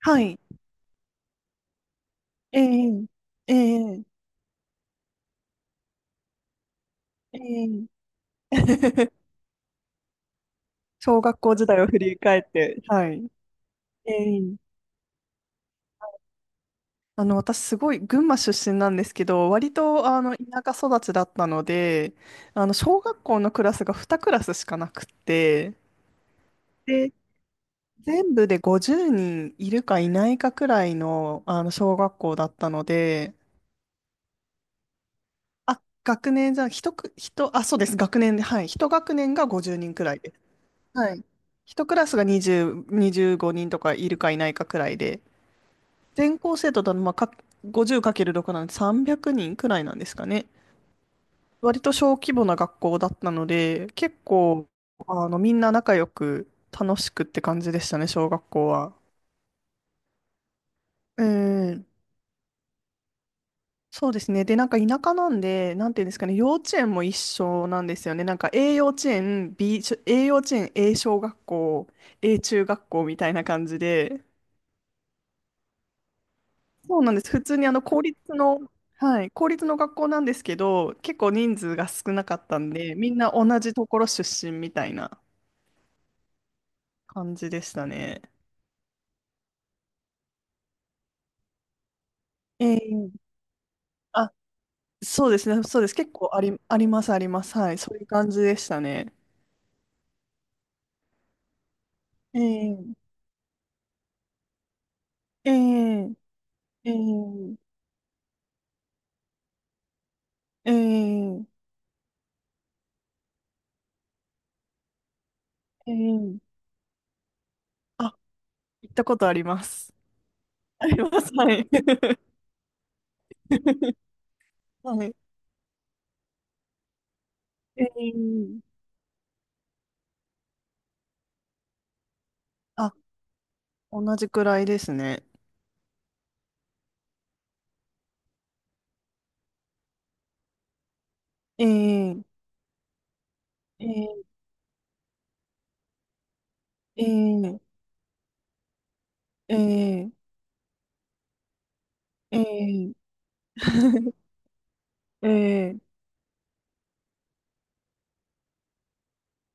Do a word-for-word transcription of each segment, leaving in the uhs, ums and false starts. はい。ええ、ええ、ええ。小学校時代を振り返って、はい。ええ。あの、私すごい群馬出身なんですけど、割とあの田舎育ちだったので、あの小学校のクラスがにクラスしかなくって、で、全部でごじゅうにんいるかいないかくらいの、あの小学校だったので、あ、学年じゃ、一く、一、あ、そうです、学年で、はい、一学年がごじゅうにんくらいで、はい。一クラスがにじゅう、にじゅうごにんとかいるかいないかくらいで、全校生徒だとまあかごじゅうかける× ろくなんでさんびゃくにんくにんくらいなんですかね。割と小規模な学校だったので、結構、あの、みんな仲良く楽しくって感じでしたね、小学校は。うん。そうですね。で、なんか田舎なんで、なんていうんですかね、幼稚園も一緒なんですよね。なんか A 幼稚園、B、A 幼稚園、A 小学校、A 中学校みたいな感じで、そうなんです。普通にあの公立の、はい、公立の学校なんですけど、結構人数が少なかったんで、みんな同じところ出身みたいな感じでしたね。ええ、あ、そうですね、そうです。結構あり、あります、あります。はい、そういう感じでしたね。ええ、ええ、ええ、ええ、ええ。あ、行ったことあります。あります、はい。はい。ええ、あ、同じくらいですね。ええ、ええ、ええ、ええ、ええ。 ええ。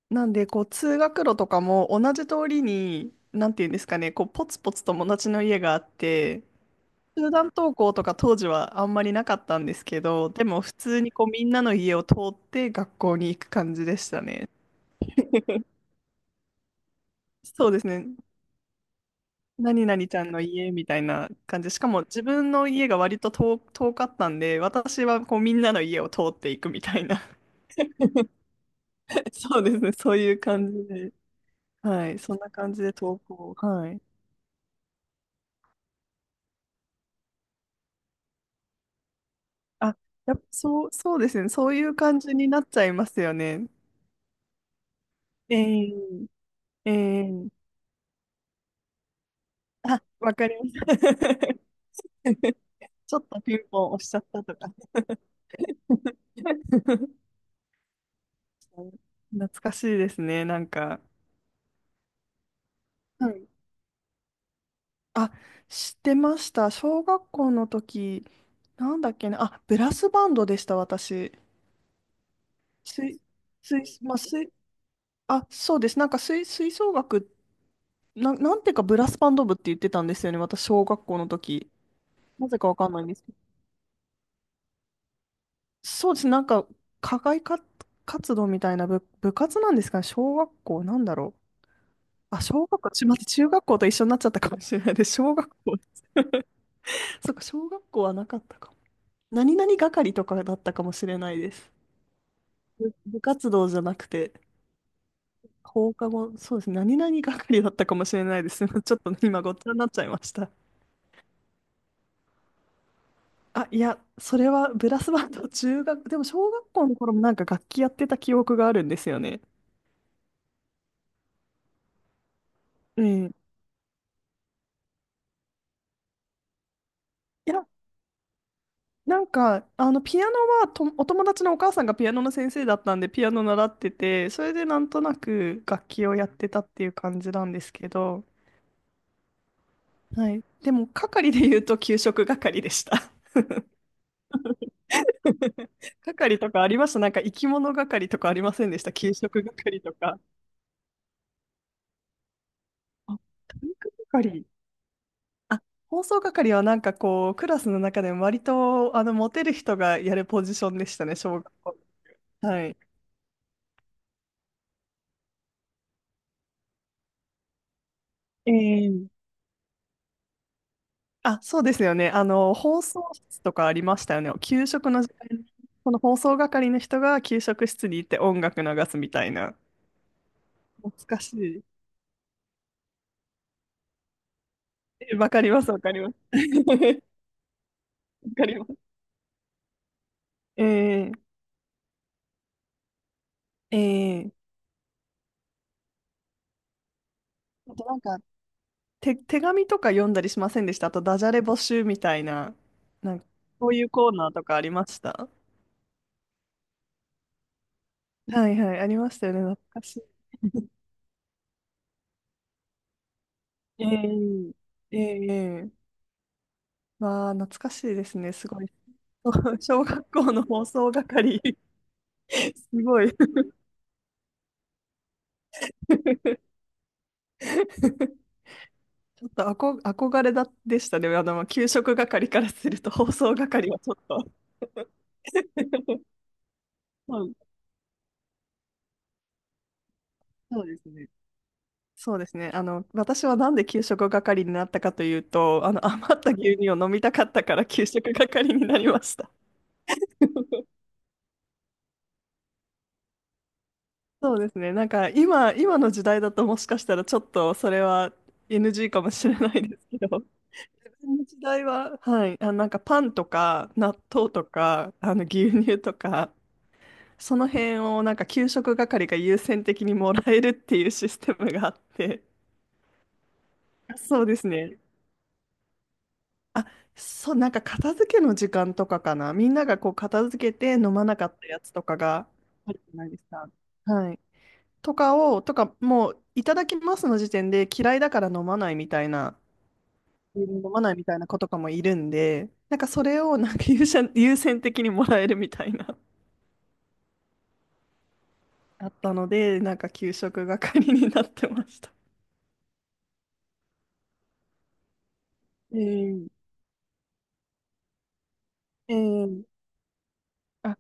なんで、こう、通学路とかも同じ通りに、なんていうんですかね、こう、ポツポツ友達の家があって、集団登校とか当時はあんまりなかったんですけど、でも普通にこう、みんなの家を通って学校に行く感じでしたね。そうですね。何々ちゃんの家みたいな感じ。しかも自分の家が割と遠、遠かったんで、私はこうみんなの家を通っていくみたいな。そうですね。そういう感じで。はい、そんな感じで投稿。はい。あ、やっぱそう、そうですね。そういう感じになっちゃいますよね。ええ、ええ。あ、わかります。ちょっとピンポン押しちゃったとか。懐かしいですね、なんか。はい。あ、知ってました。小学校の時、なんだっけな。あ、ブラスバンドでした、私。吹、吹、まあ、吹、あ、そうです。なんか吹、吹奏楽っな、なんていうかブラスバンド部って言ってたんですよね、私、小学校の時。なぜかわかんないんですけど。そうです、なんか、課外か活動みたいな部、部活なんですかね、小学校、なんだろう。あ、小学校、ちょ、待って、中学校と一緒になっちゃったかもしれないです。小学校、そっか、小学校はなかったかも。何々係とかだったかもしれないです。部、部活動じゃなくて、放課後、そうですね、何々係だったかもしれないです。ちょっと今、ごっちゃになっちゃいました。あ、いや、それはブラスバンド、中学、でも小学校の頃もなんか楽器やってた記憶があるんですよね。うん。いや、なんか、あの、ピアノはと、お友達のお母さんがピアノの先生だったんで、ピアノ習ってて、それでなんとなく楽器をやってたっていう感じなんですけど、はい。でも、係で言うと、給食係でした。係とかありましたなんか、生き物係とかありませんでした給食係とか。あ、体育係、あ、放送係はなんかこう、クラスの中でも割と、あの、モテる人がやるポジションでしたね、小学校。はい。ええ、あ、そうですよね。あの、放送室とかありましたよね。給食の時間に、この放送係の人が給食室に行って音楽流すみたいな。懐かしい。え、わかります、わかります。わかります。ええ、ええ。あとなんか、手、手紙とか読んだりしませんでしたあと、ダジャレ募集みたいな、なんか、そういうコーナーとかありましたはいはい、ありましたよね。懐かしい。ええ、ええ。まあ、懐かしいですね。すごい。小学校の放送係、すごい。ちょっとあこ憧れだでしたね。あの、給食係からすると放送係はちょっと。そうそうですね。そうですね。あの、私はなんで給食係になったかというと、あの、余った牛乳を飲みたかったから給食係になりました。そうですね。なんか今、今の時代だともしかしたらちょっとそれは エヌジー かもしれないですけど、昔の時代は、はい、あ、なんかパンとか納豆とかあの牛乳とか、その辺をなんか給食係が優先的にもらえるっていうシステムがあって、そうですね。あ、そう、なんか片付けの時間とかかな。みんながこう片付けて飲まなかったやつとかがあるじゃないですか。はい。とかを、とか、もう、いただきますの時点で嫌いだから飲まないみたいな、飲まないみたいな子とかもいるんで、なんかそれをなんか優先、優先的にもらえるみたいな、あったので、なんか給食係になってました。えー、えー、あ、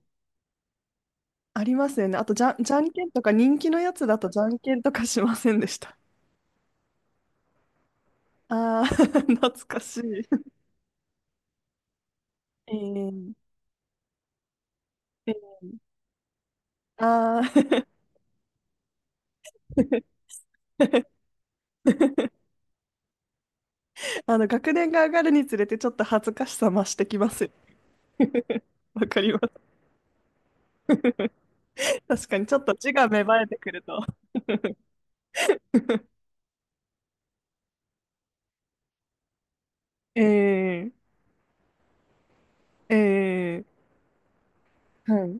ありますよね。あとじゃん、じゃんけんとか、人気のやつだとじゃんけんとかしませんでしたああ、懐かしい。えー、えー、ああ、あの、学年が上がるにつれてちょっと恥ずかしさ増してきますよ。わかります。確かにちょっと字が芽生えてくると。ええ、ええ。はい。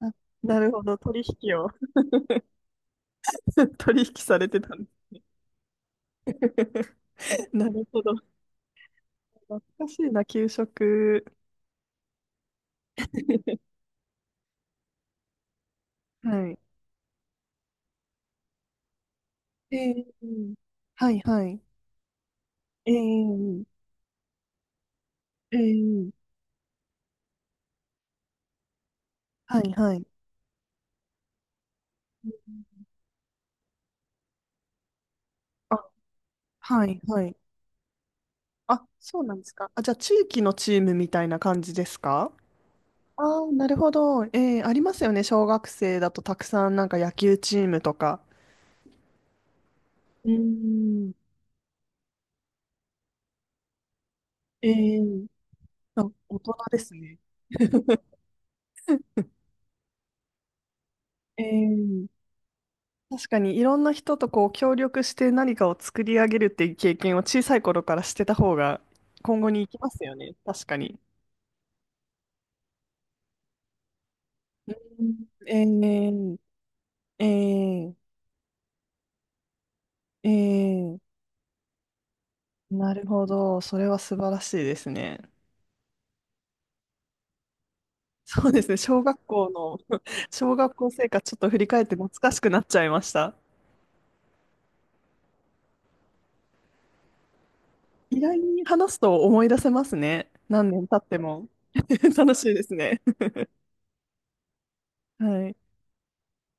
あ、なるほど。取引を、取引されてたんです。なるほど。懐かしいな、給食。はい。ええ、はいはい。ええ、ええ、はいはい。あ、はいはい。あ、そうなんですか？あ、じゃあ地域のチームみたいな感じですか？ああ、なるほど。えー、ありますよね。小学生だとたくさんなんか野球チームとか。うん。えー、あ、大人ですね。えー、確かにいろんな人とこう協力して何かを作り上げるっていう経験を小さい頃からしてた方が今後に行きますよね。確かに。うん、えー、えー、えー、なるほど。それは素晴らしいですね。そうですね、小学校の、小学校生活ちょっと振り返って懐かしくなっちゃいました。意外に話すと思い出せますね。何年経っても。楽しいですね。はい。